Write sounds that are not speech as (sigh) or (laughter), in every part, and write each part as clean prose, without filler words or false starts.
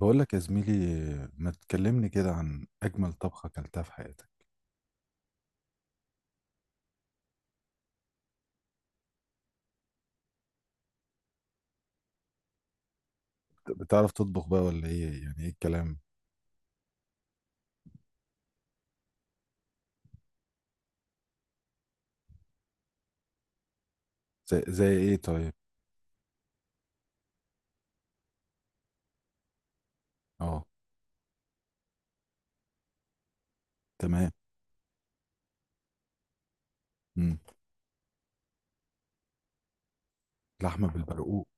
بقول لك يا زميلي، ما تكلمني كده عن أجمل طبخة أكلتها في حياتك. بتعرف تطبخ بقى ولا إيه؟ يعني إيه الكلام؟ زي إيه طيب؟ أه. تمام. مم. لحمة بالبرقوق.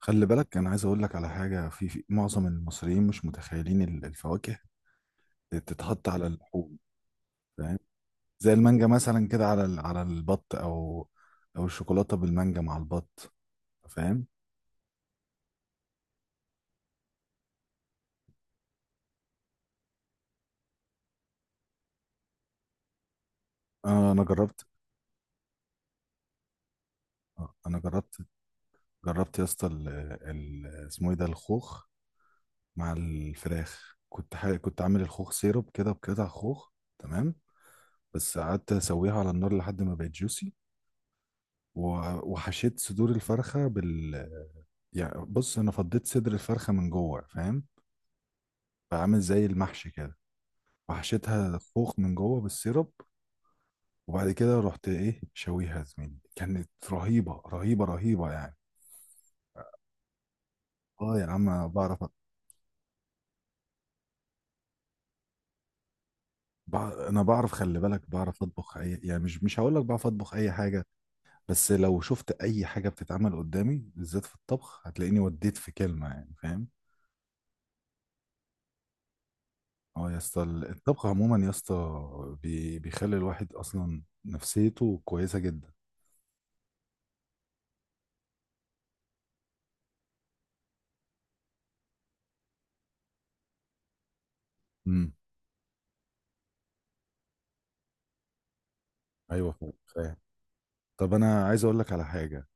خلي بالك أنا عايز أقول لك على حاجة، في معظم المصريين مش متخيلين الفواكه تتحط على اللحوم، فاهم؟ زي المانجا مثلا كده على على البط، أو أو الشوكولاتة بالمانجا مع البط، فاهم؟ آه أنا جربت. أنا جربت. جربت يا اسطى اسمه إيه ده؟ الخوخ مع الفراخ، كنت حاجة، كنت عامل الخوخ سيرب كده بقطع خوخ، تمام؟ بس قعدت اسويها على النار لحد ما بقت جوسي و... وحشيت صدور الفرخة بال بص انا فضيت صدر الفرخة من جوه، فاهم؟ فعامل زي المحشي كده، وحشيتها خوخ من جوه بالسيرب، وبعد كده رحت ايه شويها يا زميلي، كانت رهيبة رهيبة رهيبة يعني. اه يا عم أنا بعرف. انا بعرف، خلي بالك، بعرف اطبخ اي يعني، مش هقول لك بعرف اطبخ اي حاجة، بس لو شفت اي حاجه بتتعمل قدامي بالذات في الطبخ هتلاقيني وديت في كلمه، يعني فاهم. اه يا اسطى الطبخ عموما يا اسطى بيخلي الواحد اصلا نفسيته كويسه جدا. امم. ايوه فاهم فاهم. طب انا عايز اقول لك على حاجه.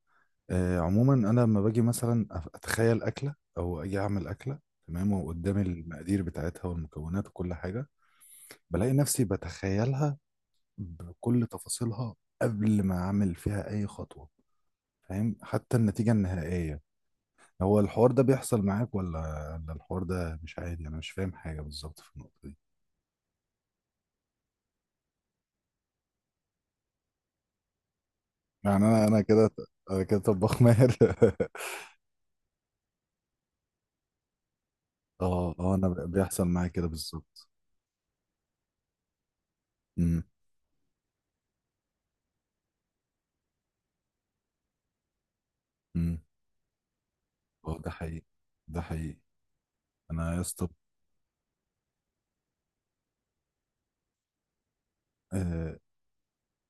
آه عموما انا لما باجي مثلا اتخيل اكله او اجي اعمل اكله، تمام، وقدامي المقادير بتاعتها والمكونات وكل حاجه، بلاقي نفسي بتخيلها بكل تفاصيلها قبل ما اعمل فيها اي خطوه، فاهم؟ حتى النتيجه النهائيه. هو الحوار ده بيحصل معاك ولا ولا الحوار ده مش عادي؟ انا مش فاهم حاجه بالظبط في النقطه دي. يعني انا كده، انا كده طباخ ماهر. (laughs) اه اه انا بيحصل معايا كده بالظبط. امم. امم. اه ده حقيقي، ده حقيقي، انا يا اسطى. آه،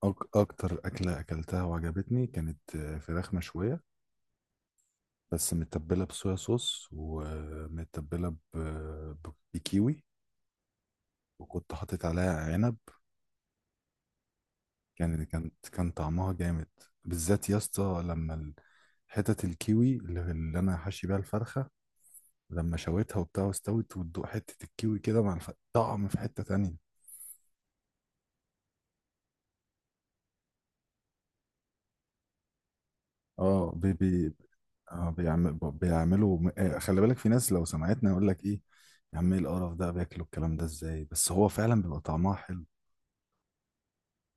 اكتر اكله اكلتها وعجبتني كانت فراخ مشويه، بس متبله بصويا صوص ومتبله بكيوي، وكنت حاطط عليها عنب. كان طعمها جامد. بالذات يا اسطى لما حتت الكيوي اللي انا حاشي بيها الفرخه، لما شويتها وبتاع واستوت وتدوق حته الكيوي كده مع طعم في حته تانية. اه بي آه بيعملوا خلي بالك في ناس لو سمعتنا يقول لك ايه، يا عم ايه القرف ده؟ بياكلوا الكلام ده ازاي؟ بس هو فعلا بيبقى طعمها حلو،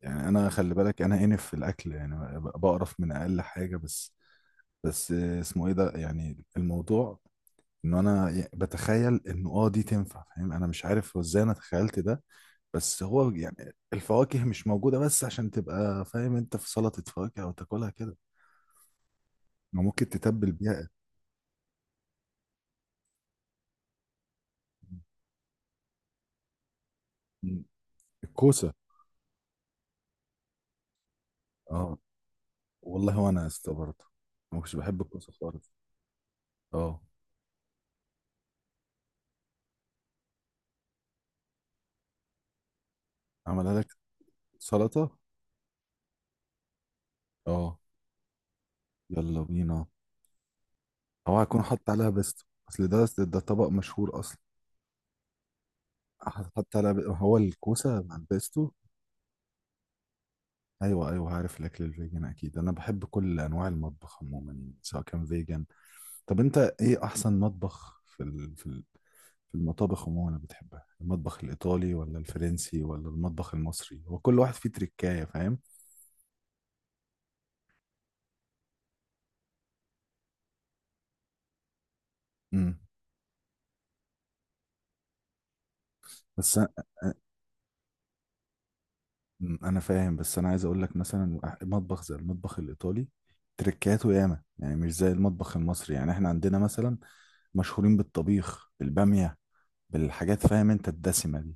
يعني انا خلي بالك انا انف في الاكل يعني بقرف من اقل حاجه. بس بس اسمه ايه ده يعني الموضوع؟ ان انا بتخيل انه اه دي تنفع، فاهم؟ انا مش عارف هو ازاي انا تخيلت ده، بس هو يعني الفواكه مش موجودة بس عشان تبقى فاهم انت في سلطة فواكه او تاكلها كده، ما ممكن تتبل بيها. م- الكوسة. اه والله وانا استغربت، ما كنتش بحب الكوسة خالص. اه. عملها لك سلطة؟ اه. يلا بينا. هو هيكون حط عليها بيستو، اصل ده ده طبق مشهور اصلا. حط عليها هو الكوسة مع البيستو. ايوه ايوه عارف الاكل الفيجن، اكيد انا بحب كل انواع المطبخ عموما يعني سواء كان فيجن. طب انت ايه احسن مطبخ في في المطابخ عموما اللي بتحبها؟ المطبخ الايطالي ولا الفرنسي ولا المطبخ المصري؟ هو كل واحد فيه تركايه، فاهم. امم. بس أ- أمم، انا فاهم، بس انا عايز اقول لك مثلا مطبخ زي المطبخ الايطالي تركاته ياما، يعني مش زي المطبخ المصري. يعني احنا عندنا مثلا مشهورين بالطبيخ بالباميه بالحاجات، فاهم انت الدسمه دي؟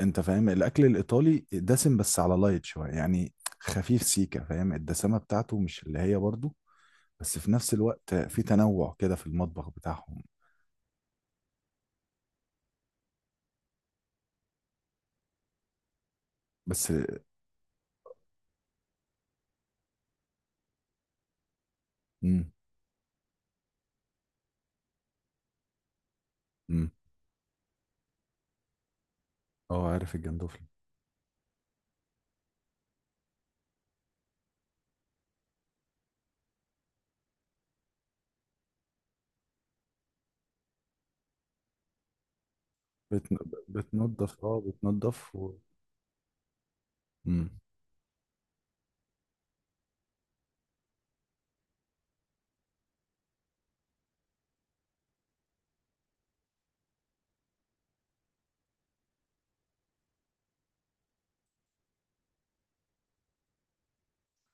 انت فاهم الاكل الايطالي دسم بس على لايت شويه يعني، خفيف سيكه، فاهم؟ الدسمه بتاعته مش اللي هي برضه، بس في نفس الوقت في تنوع كده في المطبخ بتاعهم. بس. امم. امم. اه عارف الجندوفلي. بتن... بتنضف اه امم.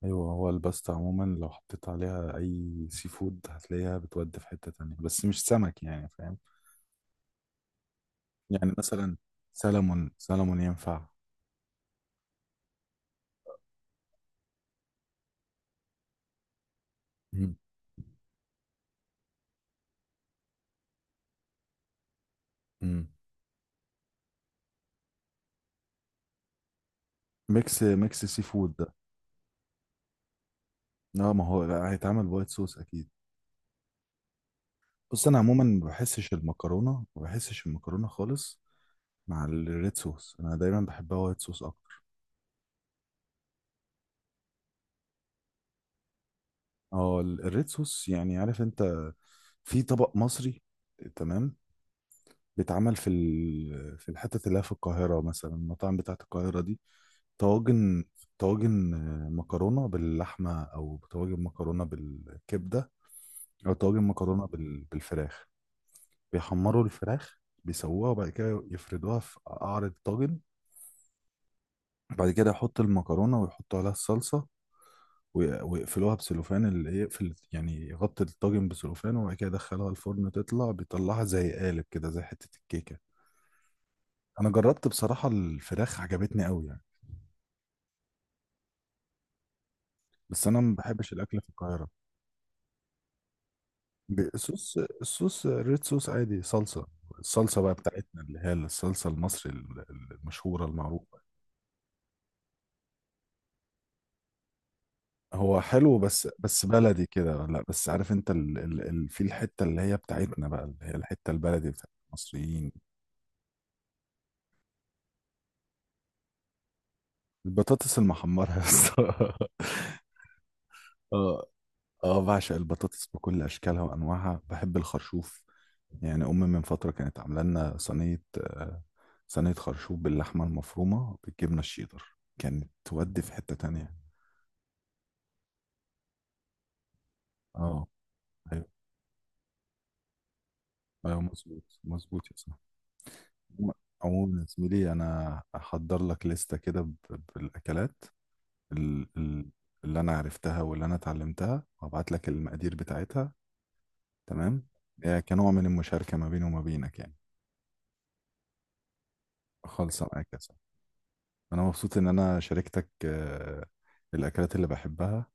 ايوه هو الباستا عموما لو حطيت عليها اي سي فود هتلاقيها بتودي في حته تانية، بس مش سمك، يعني فاهم يعني مثلا، سلمون سلمون ينفع. امم. امم. ميكس ميكس سي فود. اه ما هو لا هيتعمل بوايت صوص اكيد. بص انا عموما ما بحسش المكرونه، ما بحسش المكرونه خالص مع الريد صوص، انا دايما بحبها وايت صوص اكتر. اه الريد صوص، يعني عارف انت، في طبق مصري، تمام، بيتعمل في في الحتت اللي هي في القاهره مثلا، المطاعم بتاعت القاهره دي، طواجن، طواجن مكرونه باللحمه، او طواجن مكرونه بالكبده، او طواجن مكرونه بالفراخ. بيحمروا الفراخ، بيسووها وبعد كده يفردوها في قعر الطاجن، بعد كده يحط المكرونة ويحطوا عليها الصلصة، ويقفلوها بسلوفان، اللي يقفل يعني يغطي الطاجن بسلوفان، وبعد كده يدخلها الفرن تطلع، بيطلعها زي قالب كده زي حتة الكيكة. أنا جربت بصراحة الفراخ عجبتني قوي يعني، بس أنا ما بحبش الأكل في القاهرة. بصوص الصوص ريد صوص عادي، صلصة، الصلصة بقى بتاعتنا اللي هي الصلصة المصري المشهورة المعروفة. هو حلو بس بس بلدي كده لا، بس عارف انت ال ال ال في الحته اللي هي بتاعتنا بقى اللي هي الحته البلدي بتاعت المصريين. البطاطس المحمره يا اسطى. (laughs) اه اه بعشق البطاطس بكل اشكالها وانواعها، بحب الخرشوف، يعني امي من فتره كانت عامله لنا صينيه صينيه خرشوف باللحمه المفرومه بالجبنه الشيدر، كانت تودي في حته تانية. اه. ايوه ايوه مظبوط مظبوط يا صاحبي. عموما، عموماً يا زميلي، انا هحضر لك لستة كده بالاكلات ال- ال- اللي انا عرفتها واللي انا اتعلمتها، وهبعت لك المقادير بتاعتها، تمام، إيه، كنوع من المشاركة ما بيني وما بينك يعني. خالصة معاك يا صاحبي. انا مبسوط ان انا شاركتك الاكلات اللي بحبها،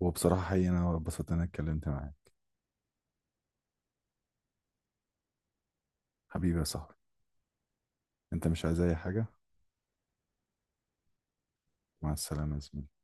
وبصراحة حقيقي انا اتبسطت ان انا اتكلمت معاك. حبيبي يا صاحبي. انت مش عايز اي حاجة؟ مع السلامة يا زميلي.